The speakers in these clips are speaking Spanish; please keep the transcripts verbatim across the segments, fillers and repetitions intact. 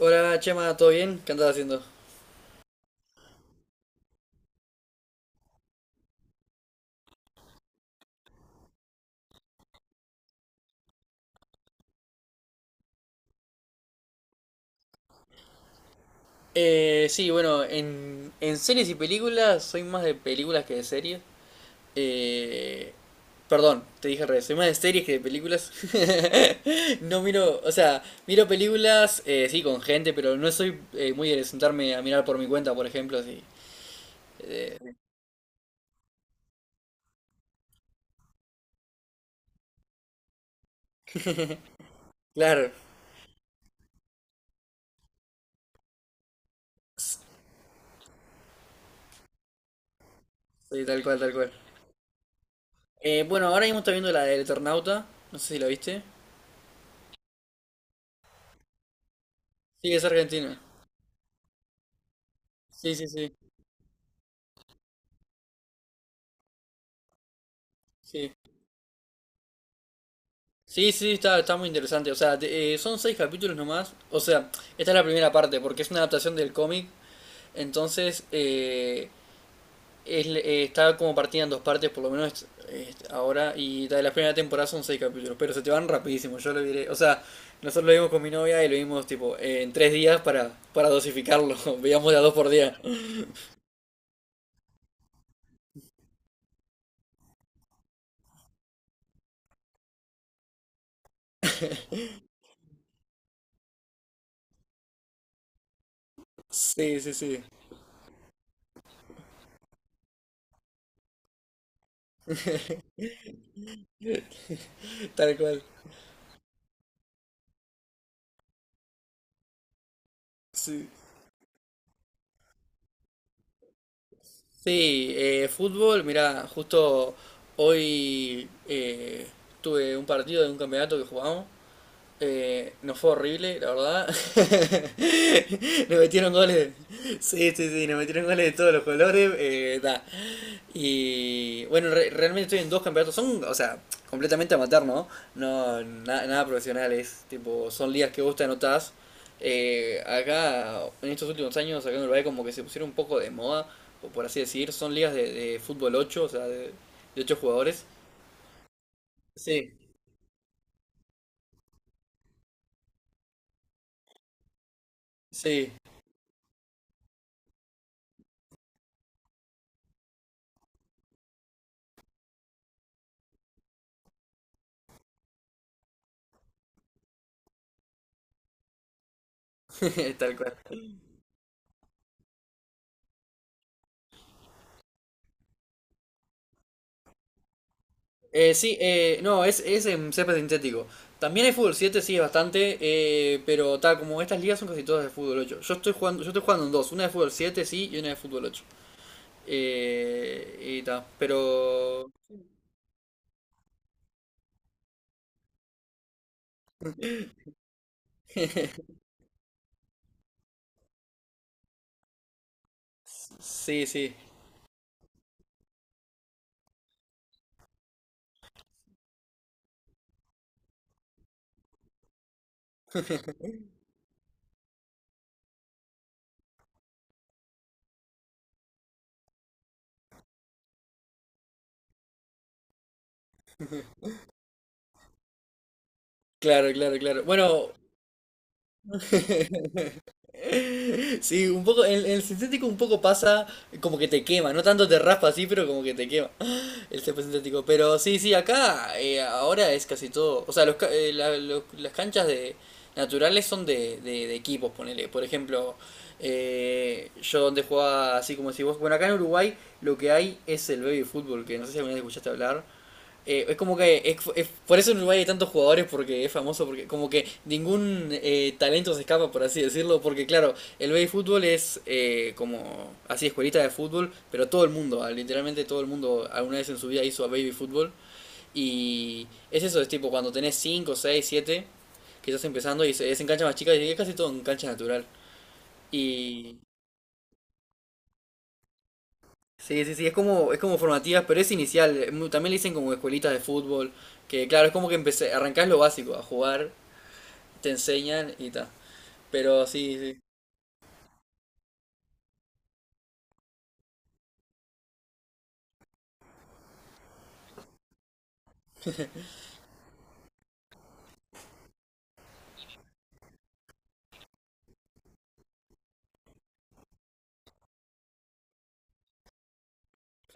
Hola Chema, ¿todo bien? ¿Qué andas haciendo? Eh, sí, bueno, en, en series y películas soy más de películas que de series. Eh, Perdón, te dije al revés, soy más de series que de películas. No miro, o sea, miro películas, eh, sí, con gente, pero no soy eh, muy de sentarme a mirar por mi cuenta, por ejemplo, sí. Claro, sí, tal cual, tal cual. Eh, bueno, ahora mismo estoy viendo la del Eternauta, no sé si la viste. Sí, es argentina. Sí, sí, sí, sí. Sí, sí, está, está muy interesante. O sea, te- eh, son seis capítulos nomás. O sea, esta es la primera parte, porque es una adaptación del cómic. Entonces, eh, es- le- eh, está como partida en dos partes, por lo menos eh, ahora. Y la de la primera temporada son seis capítulos, pero se te van rapidísimo. Yo lo diré. O sea, nosotros lo vimos con mi novia y lo vimos tipo eh, en tres días para, para dosificarlo. Veíamos de a dos por día. Sí, sí, sí. Tal cual. Sí. Sí, eh, fútbol, mirá, justo hoy eh, tuve un partido de un campeonato que jugamos, eh, nos fue horrible, la verdad. Nos metieron goles. Sí, sí, sí, nos metieron goles de todos los colores. Eh, da. Y bueno, re- realmente estoy en dos campeonatos. Son, o sea, completamente amateur, ¿no? No, na- nada profesionales. Tipo, son ligas que vos te anotás. Eh, acá, en estos últimos años, acá en Uruguay, como que se pusieron un poco de moda, o por así decir. Son ligas de, de fútbol ocho, o sea, de, de ocho jugadores. Sí, sí, tal cual. Eh, sí, eh, no, es, es en césped sintético. También hay fútbol siete sí, es bastante, eh, pero tal como estas ligas son casi todas de fútbol ocho. Yo estoy jugando, yo estoy jugando en dos, una de fútbol siete sí, y una de fútbol ocho. Eh, y ta, pero... Sí, sí. Claro, claro, claro. Bueno, sí, un poco, en, en el sintético un poco pasa como que te quema, no tanto te raspa así, pero como que te quema. El césped sintético. Pero sí, sí, acá eh, ahora es casi todo. O sea, los, ca- eh, la- lo- las canchas de naturales son de, de, de equipos, ponele. Por ejemplo, eh, yo donde jugaba así como si vos. Bueno, acá en Uruguay lo que hay es el baby fútbol, que no sé si alguna vez escuchaste hablar. Eh, es como que es, es- por eso en Uruguay hay tantos jugadores porque es famoso, porque como que ningún eh, talento se escapa, por así decirlo, porque claro, el baby fútbol es eh, como así escuelita de fútbol, pero todo el mundo, ah, literalmente todo el mundo alguna vez en su vida hizo baby fútbol, y es, eso es tipo cuando tenés cinco, seis, siete, que estás empezando y se- es en cancha más chica y es casi todo en cancha natural y... Sí, sí, sí, es como, es como, formativas, pero es inicial. es mu- También le dicen como escuelitas de fútbol, que claro, es como que empecé, arrancás lo básico, a jugar, te enseñan y tal. Pero sí, sí.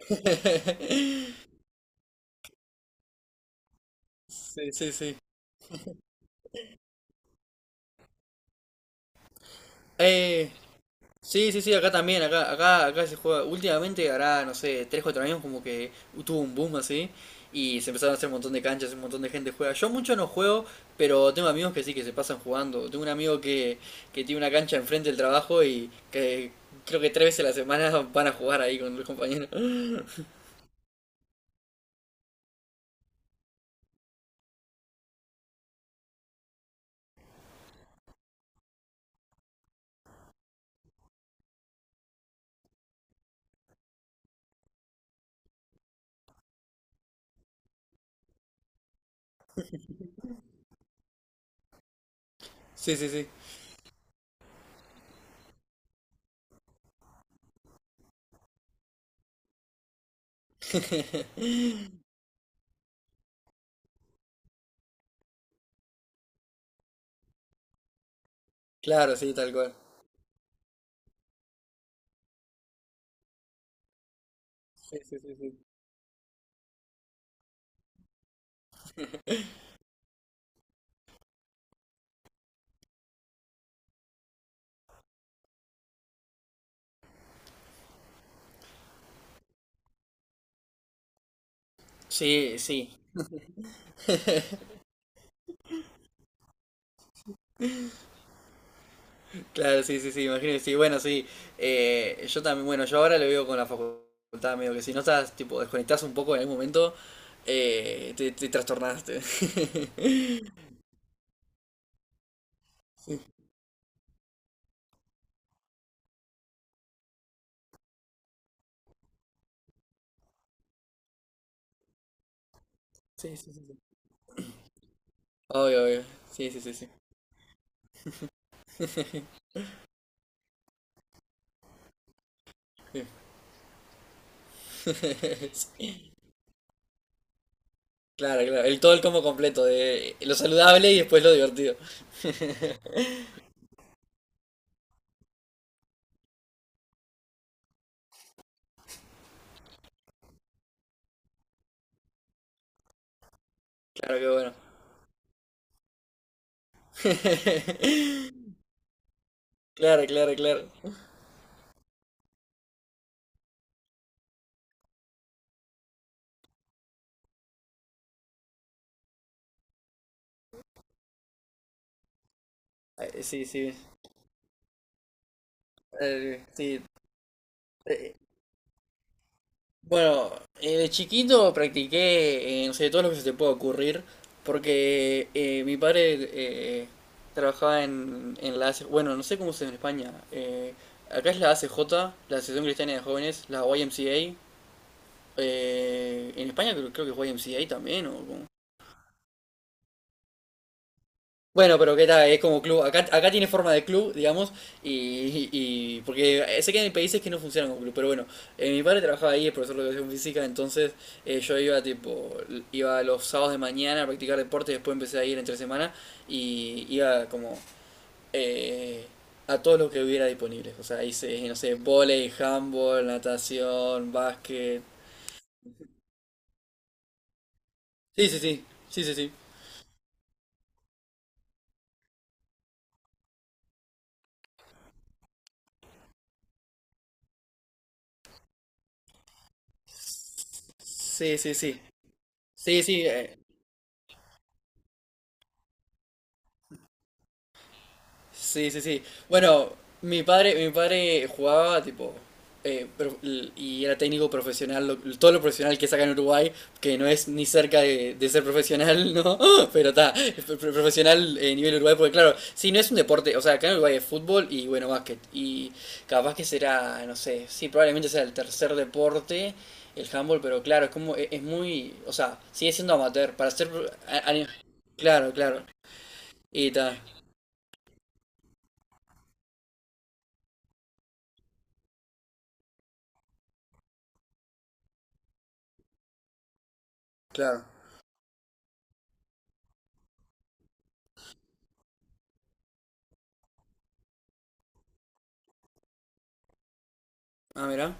Sí, sí, sí. Eh, Sí, sí, sí, acá también, acá, acá, acá se juega. Últimamente, hará, no sé, tres, cuatro años como que tuvo un boom así. Y se empezaron a hacer un montón de canchas, un montón de gente juega. Yo mucho no juego, pero tengo amigos que sí, que se pasan jugando. Tengo un amigo que, que tiene una cancha enfrente del trabajo y que creo que tres veces a la semana van a jugar ahí con los compañeros. Sí, sí, sí. Claro, sí, tal cual. Sí, sí, sí, sí. Sí, sí. Claro, sí, sí, sí, imagino que sí. Bueno, sí, eh, yo también, bueno, yo ahora lo veo con la facultad, medio que si no estás, tipo, desconectás un poco en algún momento, eh, te, te trastornaste. Sí, sí, sí. Sí. Obvio, obvio. Sí, sí, sí, sí. Sí. Claro, claro. El todo el combo completo de lo saludable y después lo divertido. Claro, qué bueno. Claro, claro, claro. Ay, sí, sí. Eh, Sí. Bueno, eh, de chiquito practiqué, eh, no sé, todo lo que se te pueda ocurrir, porque eh, mi padre eh, trabajaba en, en la A C J, bueno, no sé cómo se dice en España, eh, acá es la A C J, la Asociación Cristiana de Jóvenes, la Y M C A, eh, en España creo, creo que es Y M C A también, ¿o cómo? Bueno, pero ¿qué tal? Es como club. Acá, acá tiene forma de club, digamos, y, y- porque sé que hay países que no funcionan como club, pero bueno, eh, mi padre trabajaba ahí, es profesor de educación física, entonces eh, yo iba tipo, iba los sábados de mañana a practicar deporte, después empecé a ir entre semana y iba como eh, a todo lo que hubiera disponible. O sea, hice, no sé, vóley, handball, natación, básquet. Sí, sí, sí, sí, sí, sí. Sí, sí, sí. Sí, sí, eh, Sí, sí, sí. Bueno, mi padre, mi padre jugaba tipo eh, pro- l- y era técnico profesional, lo- todo lo profesional que saca en Uruguay, que no es ni cerca de, de ser profesional, ¿no? Pero está, profesional, eh, nivel Uruguay, porque claro, si no es un deporte, o sea, acá en Uruguay es fútbol y, bueno, básquet. Y capaz que será, no sé, sí, probablemente sea el tercer deporte, el handball, pero claro, es como, es, es muy, o sea, sigue siendo amateur, para ser, pro- a- a- claro, claro. Y está, claro. Ah, mira.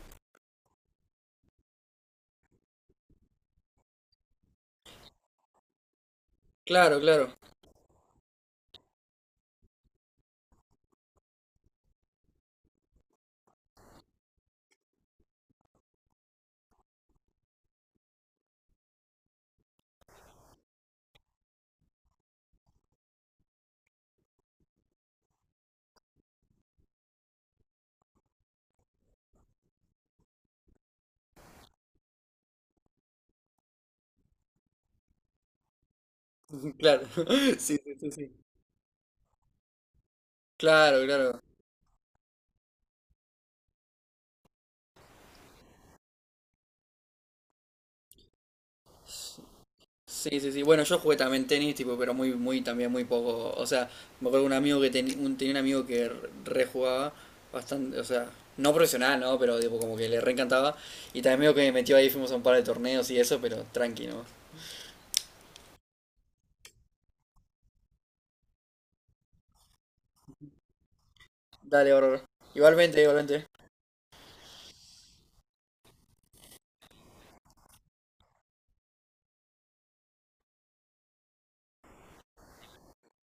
Claro, claro, claro. Sí, sí, sí, sí. Claro, claro. Sí, sí, sí. Bueno, yo jugué también tenis, tipo, pero muy, muy, también muy poco. O sea, me acuerdo de un amigo que tenía un, tenía un amigo que re- rejugaba bastante, o sea, no profesional, ¿no? Pero tipo, como que le reencantaba. Y también medio que me metió ahí, fuimos a un par de torneos y eso, pero tranqui, ¿no? Dale, bárbaro. Igualmente, igualmente.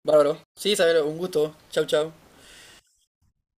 Bárbaro. Sí, Isabel, un gusto. Chau, chau.